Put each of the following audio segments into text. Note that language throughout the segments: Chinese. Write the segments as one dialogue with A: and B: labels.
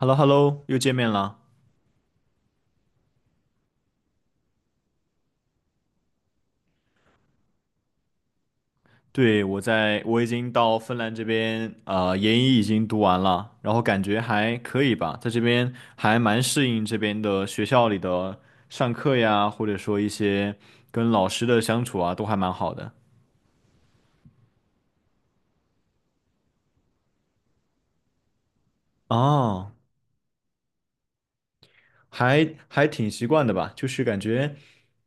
A: h e l l o h e l l o 又见面了。对，我已经到芬兰这边，研一已经读完了，然后感觉还可以吧，在这边还蛮适应这边的学校里的上课呀，或者说一些跟老师的相处啊，都还蛮好的。哦，还挺习惯的吧，就是感觉，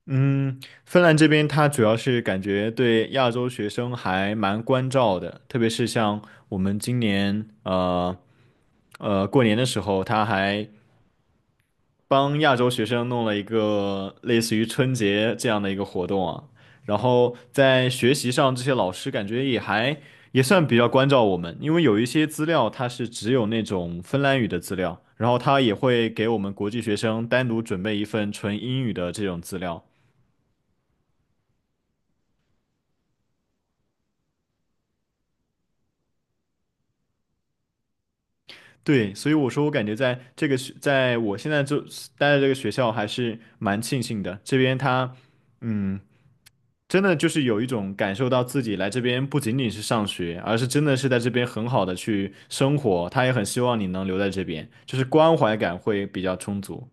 A: 嗯，芬兰这边它主要是感觉对亚洲学生还蛮关照的，特别是像我们今年，过年的时候，他还帮亚洲学生弄了一个类似于春节这样的一个活动啊，然后在学习上，这些老师感觉也算比较关照我们，因为有一些资料它是只有那种芬兰语的资料，然后他也会给我们国际学生单独准备一份纯英语的这种资料。对，所以我说我感觉在这个学，在我现在就待的这个学校还是蛮庆幸的，这边他嗯。真的就是有一种感受到自己来这边不仅仅是上学，而是真的是在这边很好的去生活。他也很希望你能留在这边，就是关怀感会比较充足。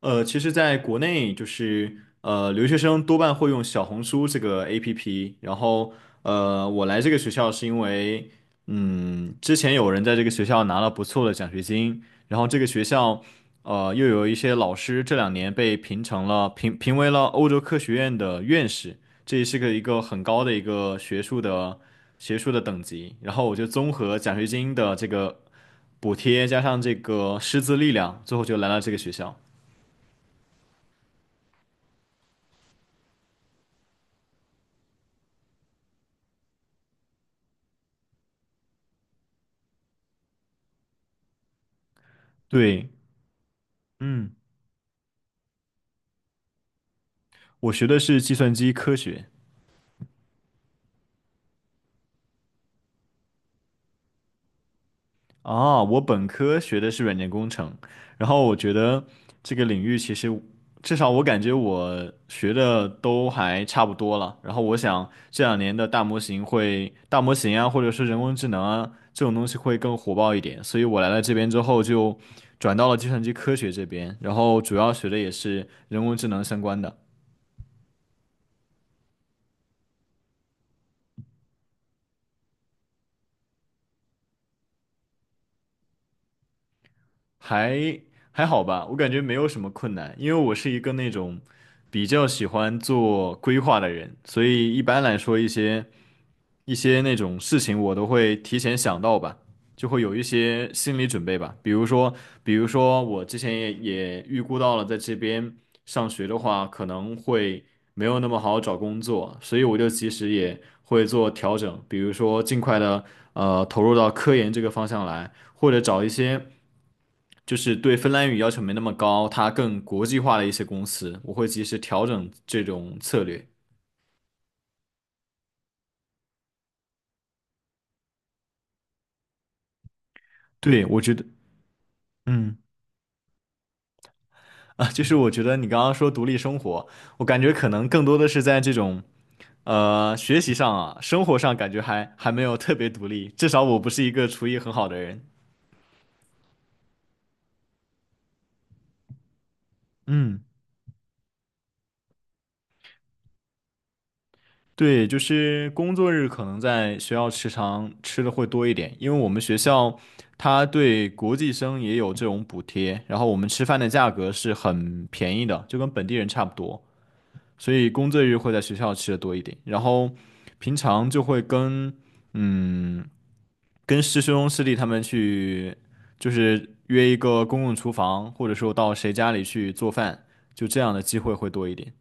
A: 其实，在国内就是留学生多半会用小红书这个 APP。然后，我来这个学校是因为，之前有人在这个学校拿了不错的奖学金，然后这个学校，又有一些老师这两年被评为了欧洲科学院的院士，这也是一个很高的一个学术的等级。然后我就综合奖学金的这个补贴加上这个师资力量，最后就来了这个学校。对。嗯，我学的是计算机科学啊，我本科学的是软件工程，然后我觉得这个领域其实至少我感觉我学的都还差不多了。然后我想这两年的大模型啊，或者是人工智能啊这种东西会更火爆一点，所以我来了这边之后就转到了计算机科学这边，然后主要学的也是人工智能相关的。还还好吧，我感觉没有什么困难，因为我是一个那种比较喜欢做规划的人，所以一般来说一些那种事情我都会提前想到吧，就会有一些心理准备吧。比如说我之前也预估到了在这边上学的话，可能会没有那么好找工作，所以我就其实也会做调整，比如说尽快的投入到科研这个方向来，或者找一些。就是对芬兰语要求没那么高，它更国际化的一些公司，我会及时调整这种策略。对，我觉得，嗯，啊，就是我觉得你刚刚说独立生活，我感觉可能更多的是在这种，学习上啊，生活上感觉还没有特别独立，至少我不是一个厨艺很好的人。嗯。对，就是工作日可能在学校食堂吃的会多一点，因为我们学校它对国际生也有这种补贴，然后我们吃饭的价格是很便宜的，就跟本地人差不多，所以工作日会在学校吃的多一点，然后平常就会跟嗯跟师兄师弟他们去，就是约一个公共厨房，或者说到谁家里去做饭，就这样的机会会多一点。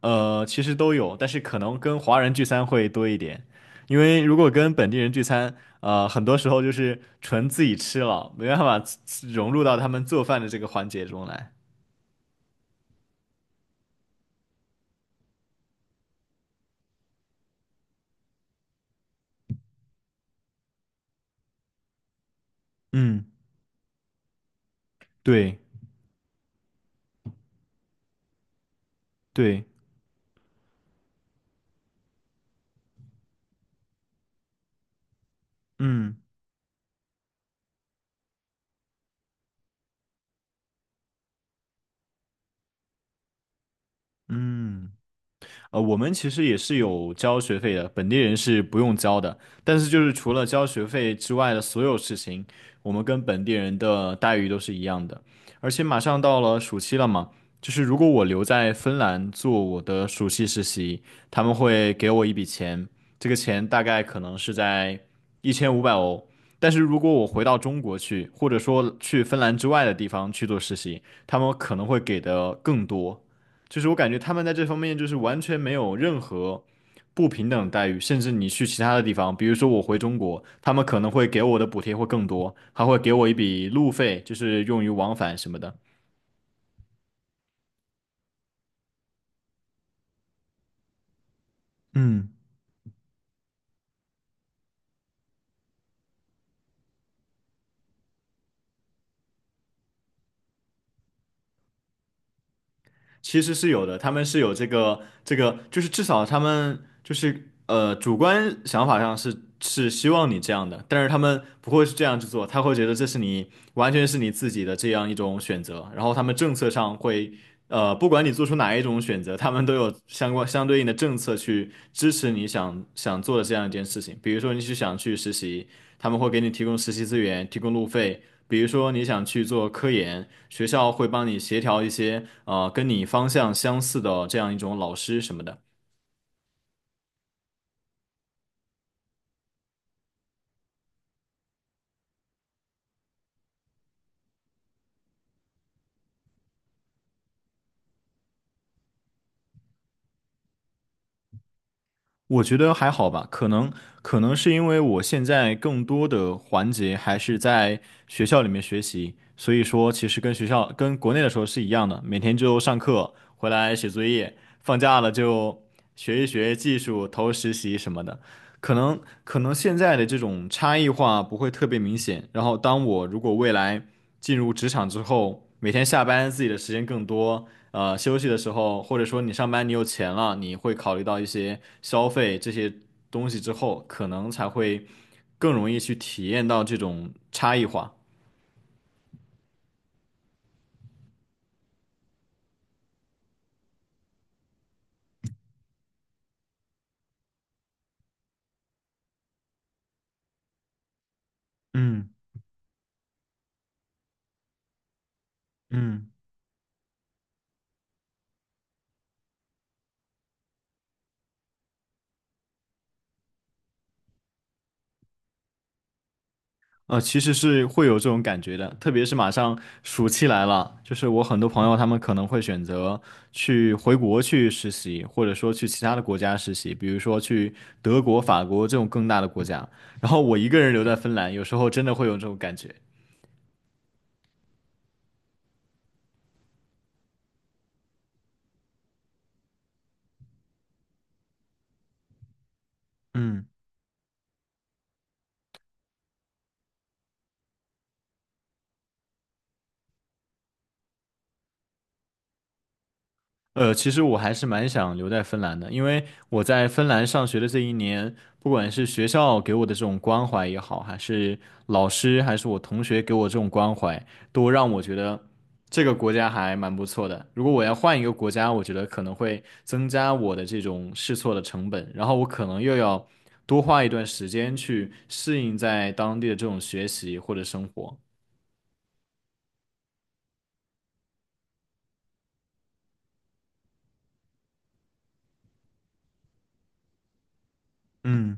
A: 其实都有，但是可能跟华人聚餐会多一点，因为如果跟本地人聚餐，很多时候就是纯自己吃了，没办法自融入到他们做饭的这个环节中来。嗯，对对，嗯嗯。我们其实也是有交学费的，本地人是不用交的。但是就是除了交学费之外的所有事情，我们跟本地人的待遇都是一样的。而且马上到了暑期了嘛，就是如果我留在芬兰做我的暑期实习，他们会给我一笔钱，这个钱大概可能是在1500欧。但是如果我回到中国去，或者说去芬兰之外的地方去做实习，他们可能会给的更多。就是我感觉他们在这方面就是完全没有任何不平等待遇，甚至你去其他的地方，比如说我回中国，他们可能会给我的补贴会更多，还会给我一笔路费，就是用于往返什么的。嗯。其实是有的，他们是有这个，就是至少他们就是主观想法上是希望你这样的，但是他们不会是这样去做，他会觉得这是你完全是你自己的这样一种选择，然后他们政策上会不管你做出哪一种选择，他们都有相对应的政策去支持你想做的这样一件事情，比如说你是想去实习，他们会给你提供实习资源，提供路费，比如说你想去做科研，学校会帮你协调一些跟你方向相似的这样一种老师什么的。我觉得还好吧，可能是因为我现在更多的环节还是在学校里面学习，所以说其实跟学校跟国内的时候是一样的，每天就上课，回来写作业，放假了就学一学技术，投实习什么的。可能可能现在的这种差异化不会特别明显，然后当我如果未来进入职场之后，每天下班自己的时间更多，休息的时候，或者说你上班你有钱了，你会考虑到一些消费这些东西之后，可能才会更容易去体验到这种差异化。嗯嗯。其实是会有这种感觉的，特别是马上暑期来了，就是我很多朋友他们可能会选择去回国去实习，或者说去其他的国家实习，比如说去德国、法国这种更大的国家。然后我一个人留在芬兰，有时候真的会有这种感觉。嗯。其实我还是蛮想留在芬兰的，因为我在芬兰上学的这一年，不管是学校给我的这种关怀也好，还是老师，还是我同学给我这种关怀，都让我觉得这个国家还蛮不错的。如果我要换一个国家，我觉得可能会增加我的这种试错的成本，然后我可能又要多花一段时间去适应在当地的这种学习或者生活。嗯，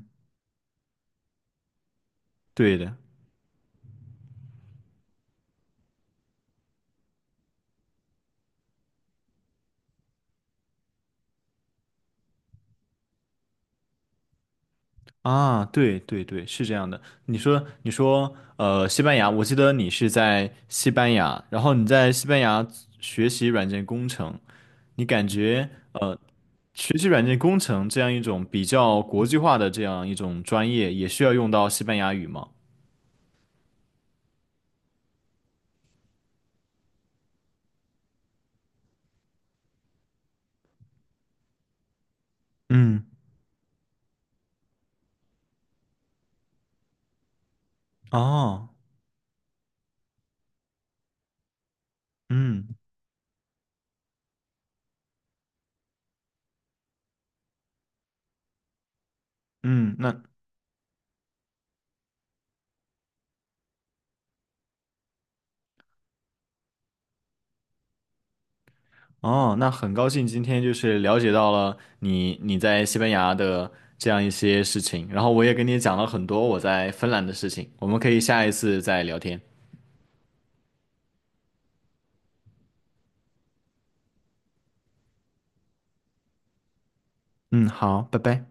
A: 对的。啊，对对对，是这样的。你说，西班牙，我记得你是在西班牙，然后你在西班牙学习软件工程，你感觉，学习软件工程这样一种比较国际化的这样一种专业，也需要用到西班牙语吗？嗯，哦，嗯嗯，那很高兴今天就是了解到了你在西班牙的这样一些事情，然后我也跟你讲了很多我在芬兰的事情，我们可以下一次再聊天。嗯，好，拜拜。